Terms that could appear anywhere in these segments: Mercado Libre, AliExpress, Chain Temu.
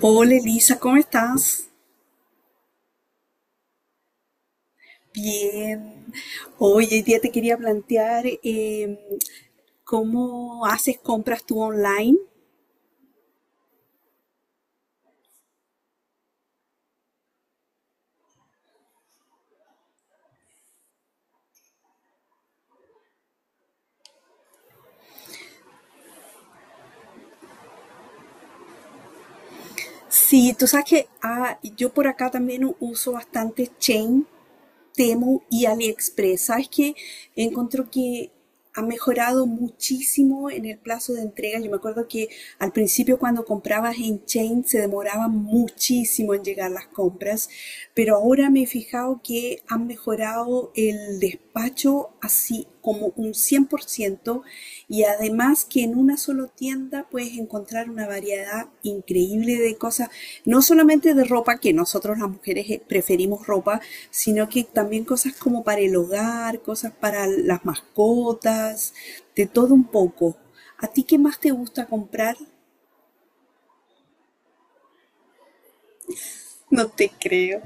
Hola Elisa, ¿cómo estás? Bien. Hoy día te quería plantear cómo haces compras tú online. Sí, tú sabes que yo por acá también uso bastante Chain Temu y AliExpress. Sabes que encuentro que ha mejorado muchísimo en el plazo de entrega. Yo me acuerdo que al principio cuando comprabas en Chain se demoraba muchísimo en llegar las compras, pero ahora me he fijado que han mejorado el despacho así como un 100% y además que en una sola tienda puedes encontrar una variedad increíble de cosas, no solamente de ropa, que nosotros las mujeres preferimos ropa, sino que también cosas como para el hogar, cosas para las mascotas, de todo un poco. ¿A ti qué más te gusta comprar? No te creo.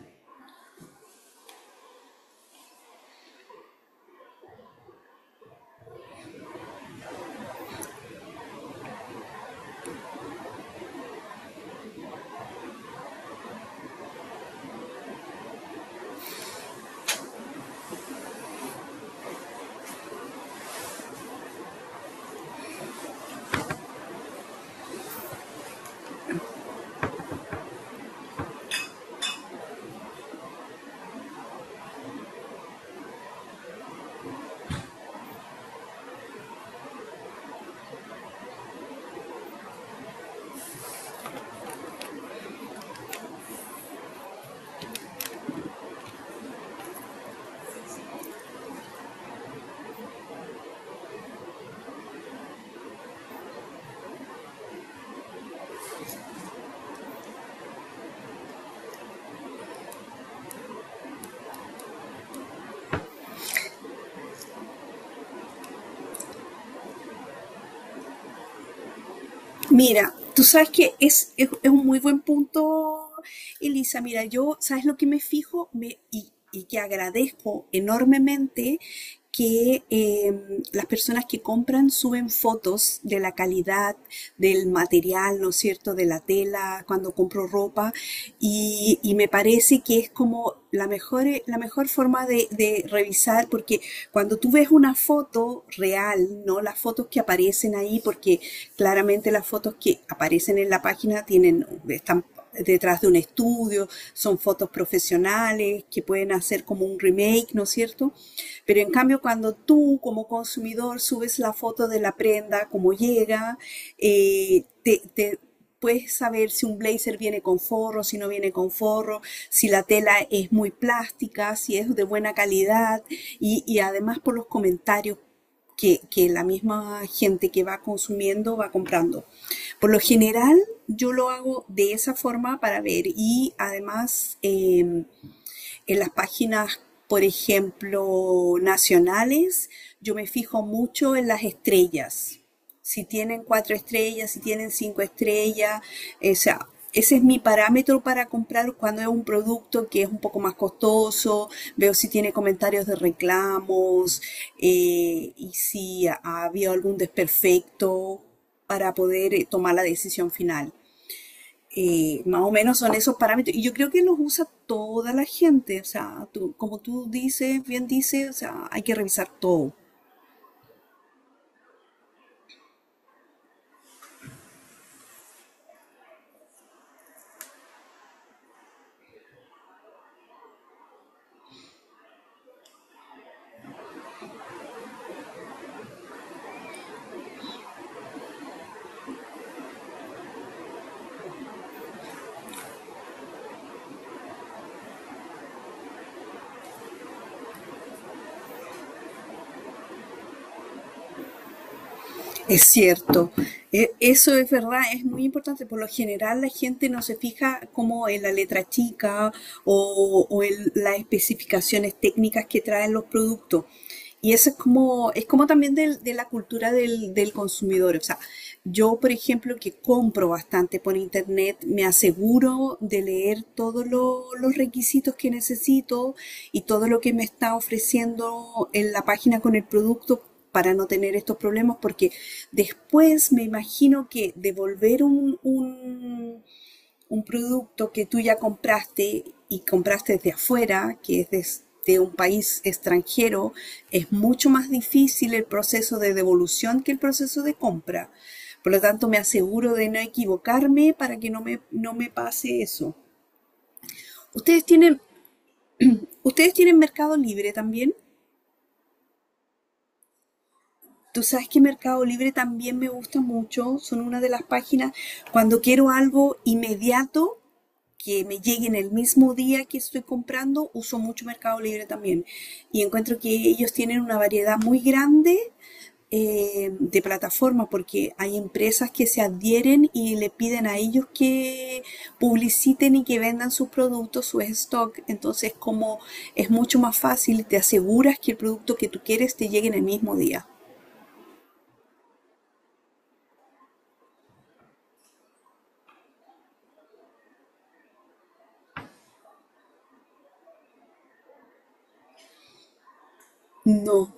Mira, tú sabes que es un muy buen punto, Elisa. Mira, yo, ¿sabes lo que me fijo? Y que agradezco enormemente que las personas que compran suben fotos de la calidad del material, ¿no es cierto?, de la tela, cuando compro ropa, y me parece que es como la mejor forma de revisar, porque cuando tú ves una foto real, ¿no? Las fotos que aparecen ahí, porque claramente las fotos que aparecen en la página tienen, están detrás de un estudio, son fotos profesionales que pueden hacer como un remake, ¿no es cierto? Pero en cambio, cuando tú como consumidor subes la foto de la prenda, cómo llega, te puedes saber si un blazer viene con forro, si no viene con forro, si la tela es muy plástica, si es de buena calidad y además por los comentarios que la misma gente que va consumiendo va comprando. Por lo general, yo lo hago de esa forma para ver y además en las páginas, por ejemplo, nacionales, yo me fijo mucho en las estrellas. Si tienen cuatro estrellas, si tienen cinco estrellas, o sea, ese es mi parámetro para comprar cuando es un producto que es un poco más costoso, veo si tiene comentarios de reclamos y si ha habido algún desperfecto para poder tomar la decisión final. Más o menos son esos parámetros. Y yo creo que los usa toda la gente. O sea, como tú dices, bien dices, o sea, hay que revisar todo. Es cierto, eso es verdad, es muy importante. Por lo general la gente no se fija como en la letra chica o en las especificaciones técnicas que traen los productos. Y eso es como también de la cultura del, del consumidor. O sea, yo, por ejemplo, que compro bastante por internet, me aseguro de leer todos los requisitos que necesito y todo lo que me está ofreciendo en la página con el producto para no tener estos problemas, porque después me imagino que devolver un producto que tú ya compraste y compraste desde afuera, que es un país extranjero, es mucho más difícil el proceso de devolución que el proceso de compra. Por lo tanto, me aseguro de no equivocarme para que no me pase eso. ¿Ustedes tienen, ¿ustedes tienen Mercado Libre también? Tú sabes que Mercado Libre también me gusta mucho, son una de las páginas cuando quiero algo inmediato que me llegue en el mismo día que estoy comprando, uso mucho Mercado Libre también. Y encuentro que ellos tienen una variedad muy grande de plataformas porque hay empresas que se adhieren y le piden a ellos que publiciten y que vendan sus productos, su stock. Entonces, como es mucho más fácil, te aseguras que el producto que tú quieres te llegue en el mismo día. No,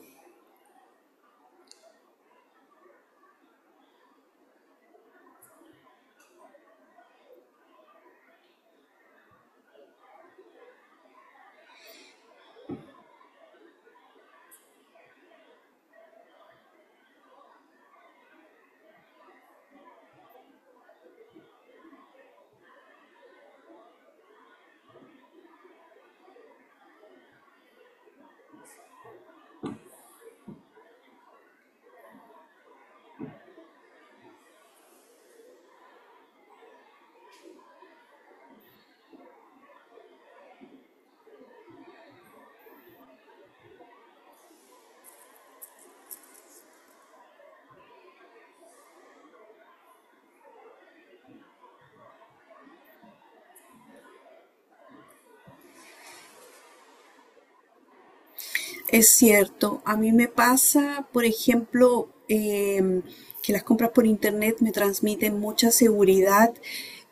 es cierto. A mí me pasa, por ejemplo, que las compras por internet me transmiten mucha seguridad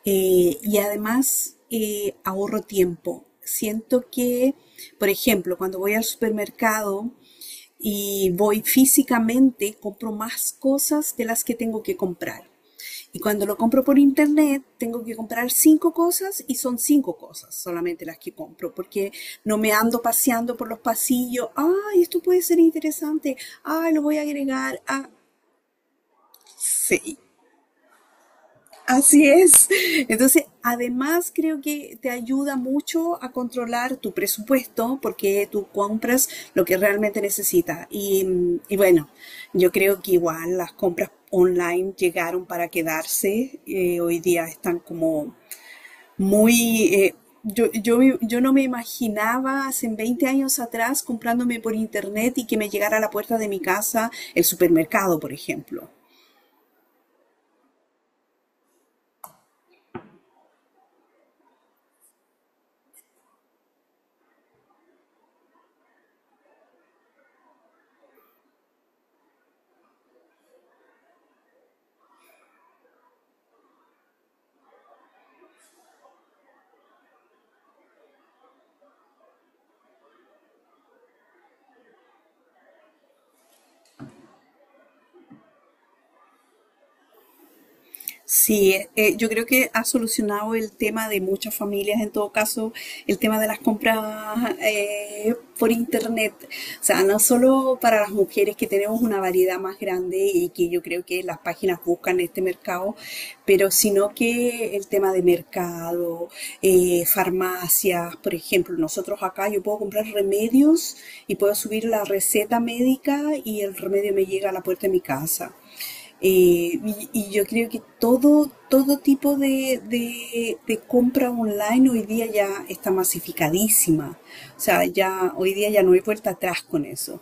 y además ahorro tiempo. Siento que, por ejemplo, cuando voy al supermercado y voy físicamente, compro más cosas de las que tengo que comprar. Y cuando lo compro por internet, tengo que comprar cinco cosas y son cinco cosas solamente las que compro, porque no me ando paseando por los pasillos. Ay, esto puede ser interesante. Ay, lo voy a agregar. Ah, sí. Así es. Entonces, además creo que te ayuda mucho a controlar tu presupuesto porque tú compras lo que realmente necesitas. Y bueno, yo creo que igual las compras online llegaron para quedarse. Hoy día están como muy... yo no me imaginaba hace 20 años atrás comprándome por internet y que me llegara a la puerta de mi casa el supermercado, por ejemplo. Sí, yo creo que ha solucionado el tema de muchas familias, en todo caso, el tema de las compras por internet. O sea, no solo para las mujeres que tenemos una variedad más grande y que yo creo que las páginas buscan este mercado, pero sino que el tema de mercado, farmacias, por ejemplo, nosotros acá yo puedo comprar remedios y puedo subir la receta médica y el remedio me llega a la puerta de mi casa. Y, y yo creo que todo, todo tipo de, de compra online hoy día ya está masificadísima. O sea, ya hoy día ya no hay vuelta atrás con eso.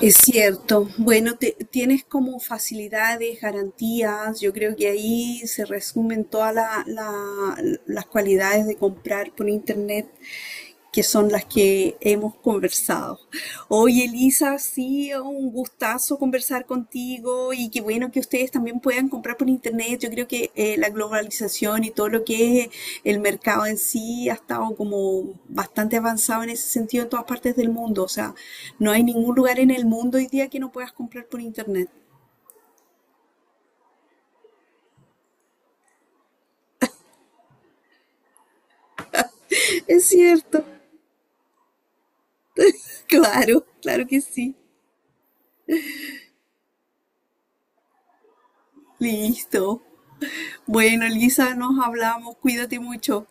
Es cierto. Bueno, tienes como facilidades, garantías. Yo creo que ahí se resumen todas las cualidades de comprar por internet. Que son las que hemos conversado. Oye, Elisa, sí, un gustazo conversar contigo y qué bueno que ustedes también puedan comprar por internet. Yo creo que la globalización y todo lo que es el mercado en sí ha estado como bastante avanzado en ese sentido en todas partes del mundo. O sea, no hay ningún lugar en el mundo hoy día que no puedas comprar por internet. Es cierto, claro, claro que sí. Listo. Bueno, Elisa, nos hablamos. Cuídate mucho.